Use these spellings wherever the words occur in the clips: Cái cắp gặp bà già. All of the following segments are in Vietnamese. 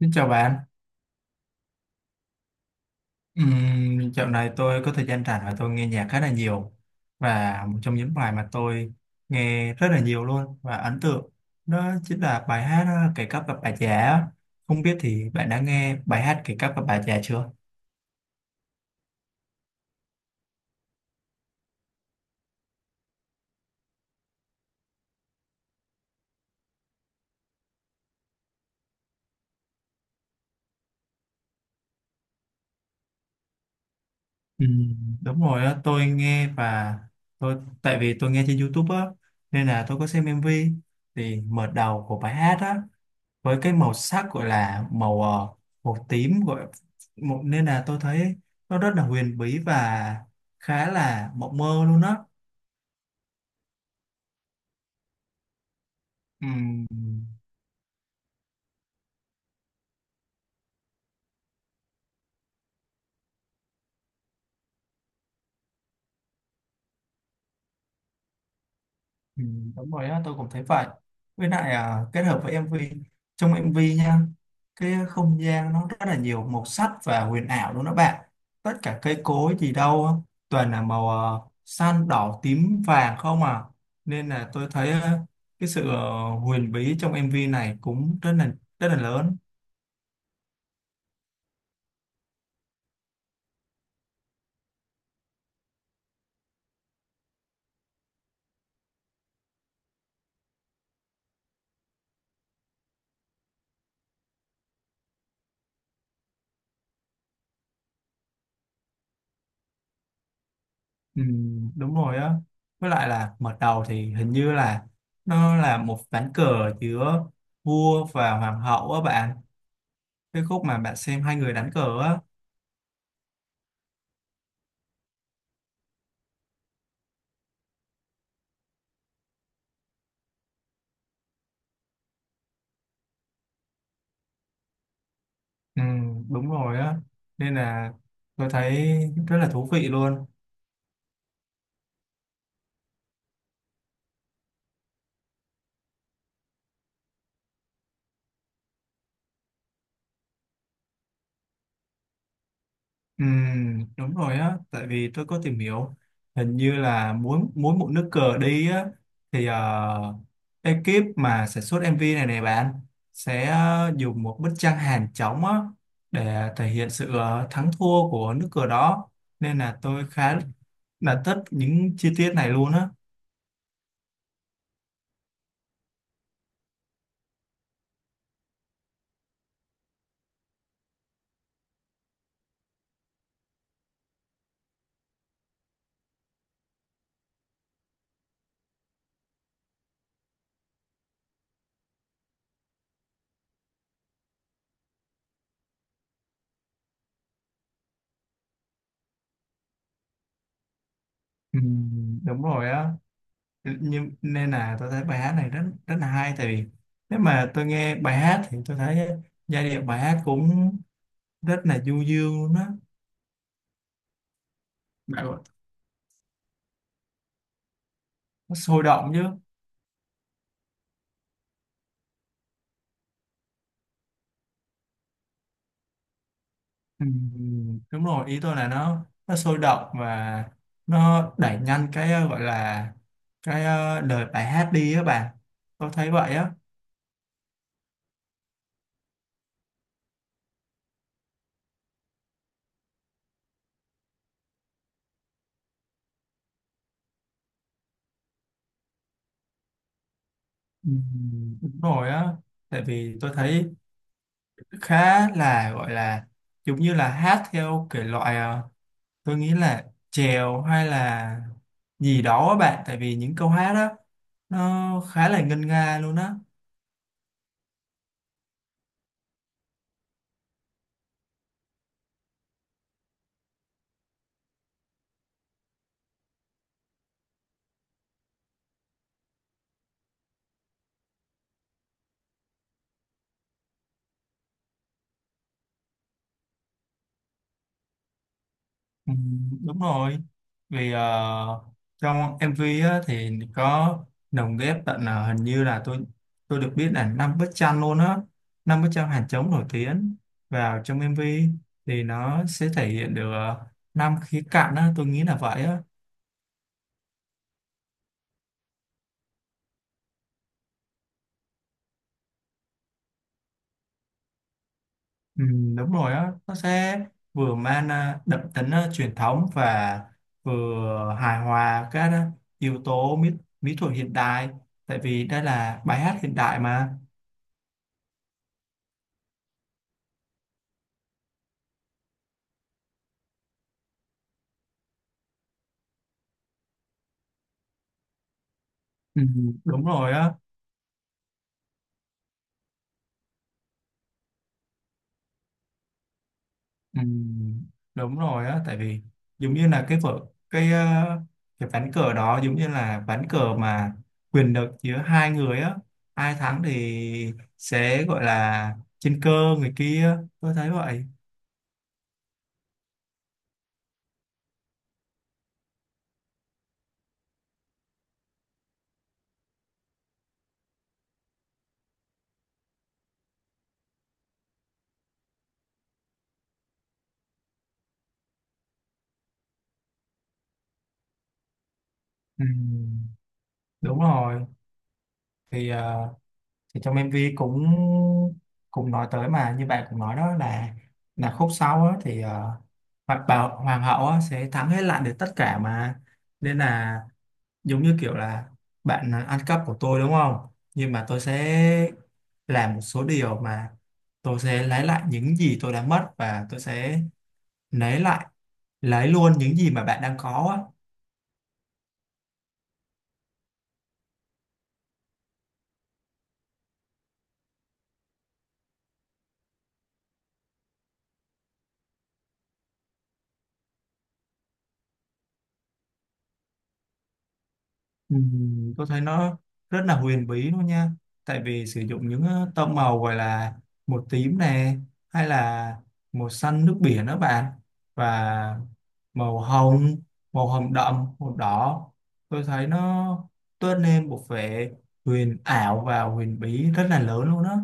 Xin chào bạn. Dạo này tôi có thời gian rảnh và tôi nghe nhạc khá là nhiều, và một trong những bài mà tôi nghe rất là nhiều luôn và ấn tượng đó chính là bài hát Cái cắp gặp bà già á. Không biết thì bạn đã nghe bài hát Cái cắp gặp bà già chưa? Đúng rồi đó, tôi nghe và tôi tại vì tôi nghe trên YouTube á, nên là tôi có xem MV. Thì mở đầu của bài hát á, với cái màu sắc gọi là màu màu tím gọi một, nên là tôi thấy nó rất là huyền bí và khá là mộng mơ luôn đó. Ừm, Ừ, đúng rồi á, tôi cũng thấy vậy. Với lại à, kết hợp với MV, trong MV nha, cái không gian nó rất là nhiều màu sắc và huyền ảo luôn đó bạn. Tất cả cây cối gì đâu á, toàn là màu xanh, đỏ, tím, vàng không à. Nên là tôi thấy cái sự huyền bí trong MV này cũng rất là lớn. Ừ, đúng rồi á. Với lại là mở đầu thì hình như là nó là một ván cờ giữa vua và hoàng hậu á bạn, cái khúc mà bạn xem hai người đánh cờ á. Ừ, đúng rồi á, nên là tôi thấy rất là thú vị luôn. Ừ, đúng rồi á, tại vì tôi có tìm hiểu, hình như là mỗi mỗi một nước cờ đi á, thì ekip mà sản xuất MV này này bạn sẽ dùng một bức tranh hàng trống á để thể hiện sự thắng thua của nước cờ đó. Nên là tôi khá là thích những chi tiết này luôn á. Ừ, đúng rồi á, nên là tôi thấy bài hát này rất rất là hay, tại vì nếu mà tôi nghe bài hát thì tôi thấy giai điệu bài hát cũng rất là du dương luôn á. Bạn- bảo nó sôi động chứ. Ừ, đúng rồi, ý tôi là nó sôi động và nó đẩy nhanh cái gọi là cái lời bài hát đi á bạn, tôi thấy vậy á. Ừ, đúng rồi á, tại vì tôi thấy khá là gọi là giống như là hát theo thể loại tôi nghĩ là chèo hay là gì đó á bạn, tại vì những câu hát đó nó khá là ngân nga luôn á. Ừ, đúng rồi, vì trong MV á thì có lồng ghép tận hình như là tôi được biết là 5 bức tranh luôn á, 5 bức tranh hàng trống nổi tiếng vào trong MV. Thì nó sẽ thể hiện được 5 khía cạnh á, tôi nghĩ là vậy á. Ừ, đúng rồi á, nó sẽ vừa mang đậm tính truyền thống và vừa hài hòa các yếu tố mỹ, mỹ thuật hiện đại, tại vì đây là bài hát hiện đại mà. Ừ, đúng rồi á ừ, đúng rồi á, tại vì giống như là cái cái ván cờ đó giống như là ván cờ mà quyền lực giữa hai người á, ai thắng thì sẽ gọi là trên cơ người kia, tôi thấy vậy. Ừ, đúng rồi. Thì thì trong MV cũng cũng nói tới mà, như bạn cũng nói đó là khúc sau á, thì hoặc bảo hoàng hậu á sẽ thắng hết, lại được tất cả mà. Nên là giống như kiểu là bạn ăn cắp của tôi đúng không, nhưng mà tôi sẽ làm một số điều mà tôi sẽ lấy lại những gì tôi đã mất, và tôi sẽ lấy lại lấy luôn những gì mà bạn đang có á. Tôi thấy nó rất là huyền bí luôn nha, tại vì sử dụng những tông màu gọi là một tím này, hay là màu xanh nước biển đó bạn, và màu hồng màu hồng đậm, màu đỏ. Tôi thấy nó tôn lên một vẻ huyền ảo và huyền bí rất là lớn luôn đó.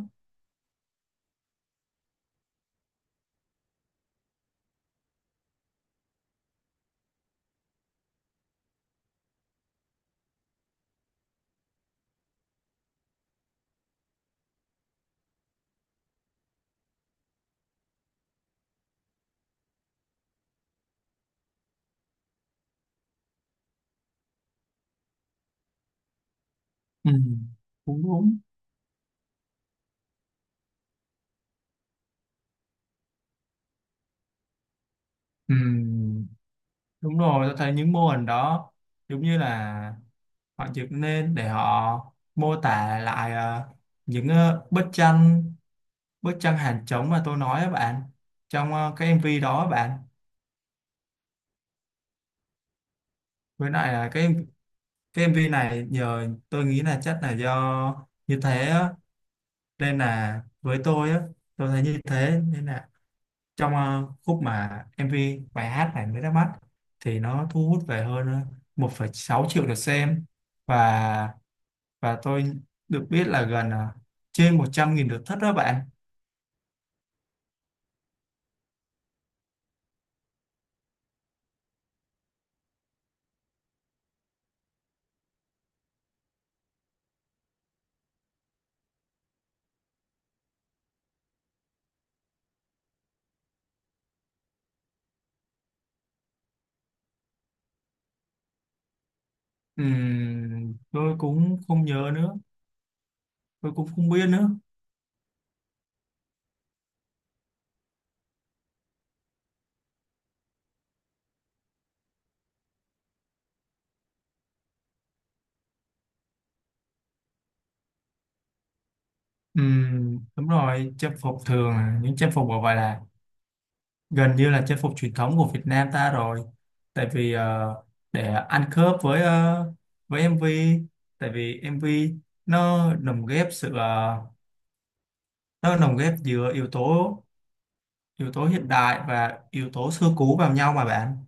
Ừ, đúng đúng. Ừ, đúng rồi, tôi thấy những mô hình đó giống như là họ dựng lên để họ mô tả lại những bức tranh, bức tranh hàng trống mà tôi nói á bạn, trong cái MV đó á bạn. Với lại là cái MV này nhờ, tôi nghĩ là chắc là do như thế á. Nên là với tôi á, tôi thấy như thế, nên là trong khúc mà MV bài hát này mới ra mắt thì nó thu hút về hơn 1,6 triệu lượt xem, và tôi được biết là gần trên 100.000 lượt thích đó bạn. Tôi cũng không nhớ nữa, tôi cũng không biết nữa. Đúng rồi, trang phục thường là những trang phục gọi là gần như là trang phục truyền thống của Việt Nam ta rồi, tại vì để ăn khớp với với MV, tại vì MV nó lồng ghép nó lồng ghép giữa yếu tố, yếu tố hiện đại và yếu tố xưa cũ vào nhau mà bạn.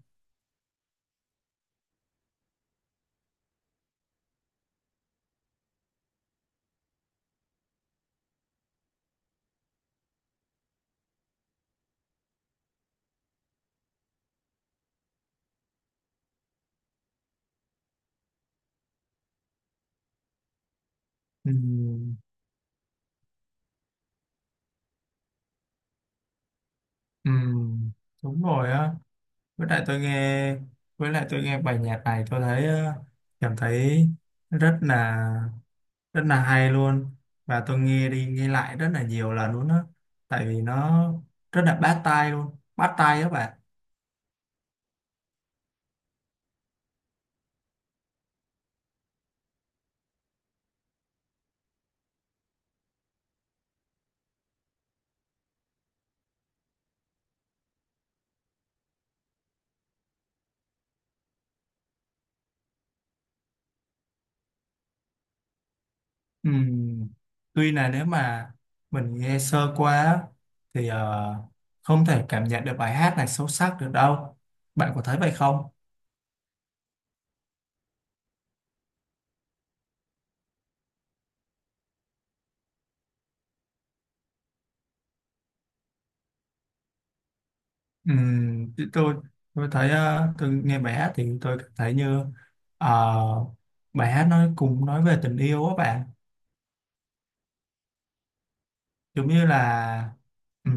Ừm, ừm, đúng rồi á. với lại tôi nghe với lại tôi nghe bài nhạc này tôi thấy cảm thấy rất là rất là hay luôn, và tôi nghe đi nghe lại rất là nhiều lần luôn á, tại vì nó rất là bắt tai luôn, bắt tai các bạn. Ừm, tuy là nếu mà mình nghe sơ qua thì không thể cảm nhận được bài hát này sâu sắc được đâu, bạn có thấy vậy không? Ừ, thì tôi thấy tôi nghe bài hát thì tôi cảm thấy như ờ, bài hát nói về tình yêu á bạn, giống như là ừ,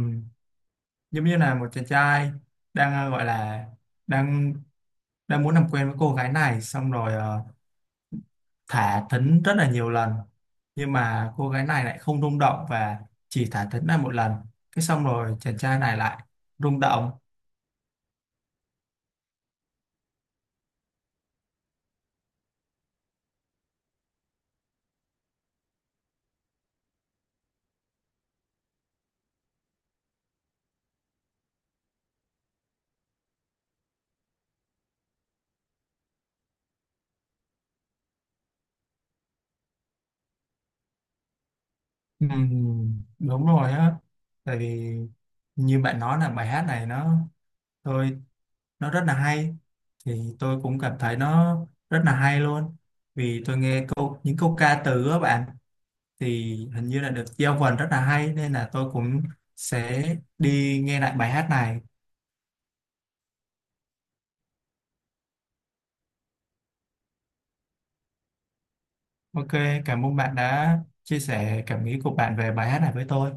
giống như là một chàng trai đang gọi là đang đang muốn làm quen với cô gái này, xong rồi thả thính rất là nhiều lần, nhưng mà cô gái này lại không rung động và chỉ thả thính lại một lần, cái xong rồi chàng trai này lại rung động. Ừ, đúng rồi á, tại vì như bạn nói là bài hát này tôi nó rất là hay, thì tôi cũng cảm thấy nó rất là hay luôn, vì tôi nghe những câu ca từ á bạn, thì hình như là được giao vần rất là hay, nên là tôi cũng sẽ đi nghe lại bài hát này. OK, cảm ơn bạn đã chia sẻ cảm nghĩ của bạn về bài hát này với tôi.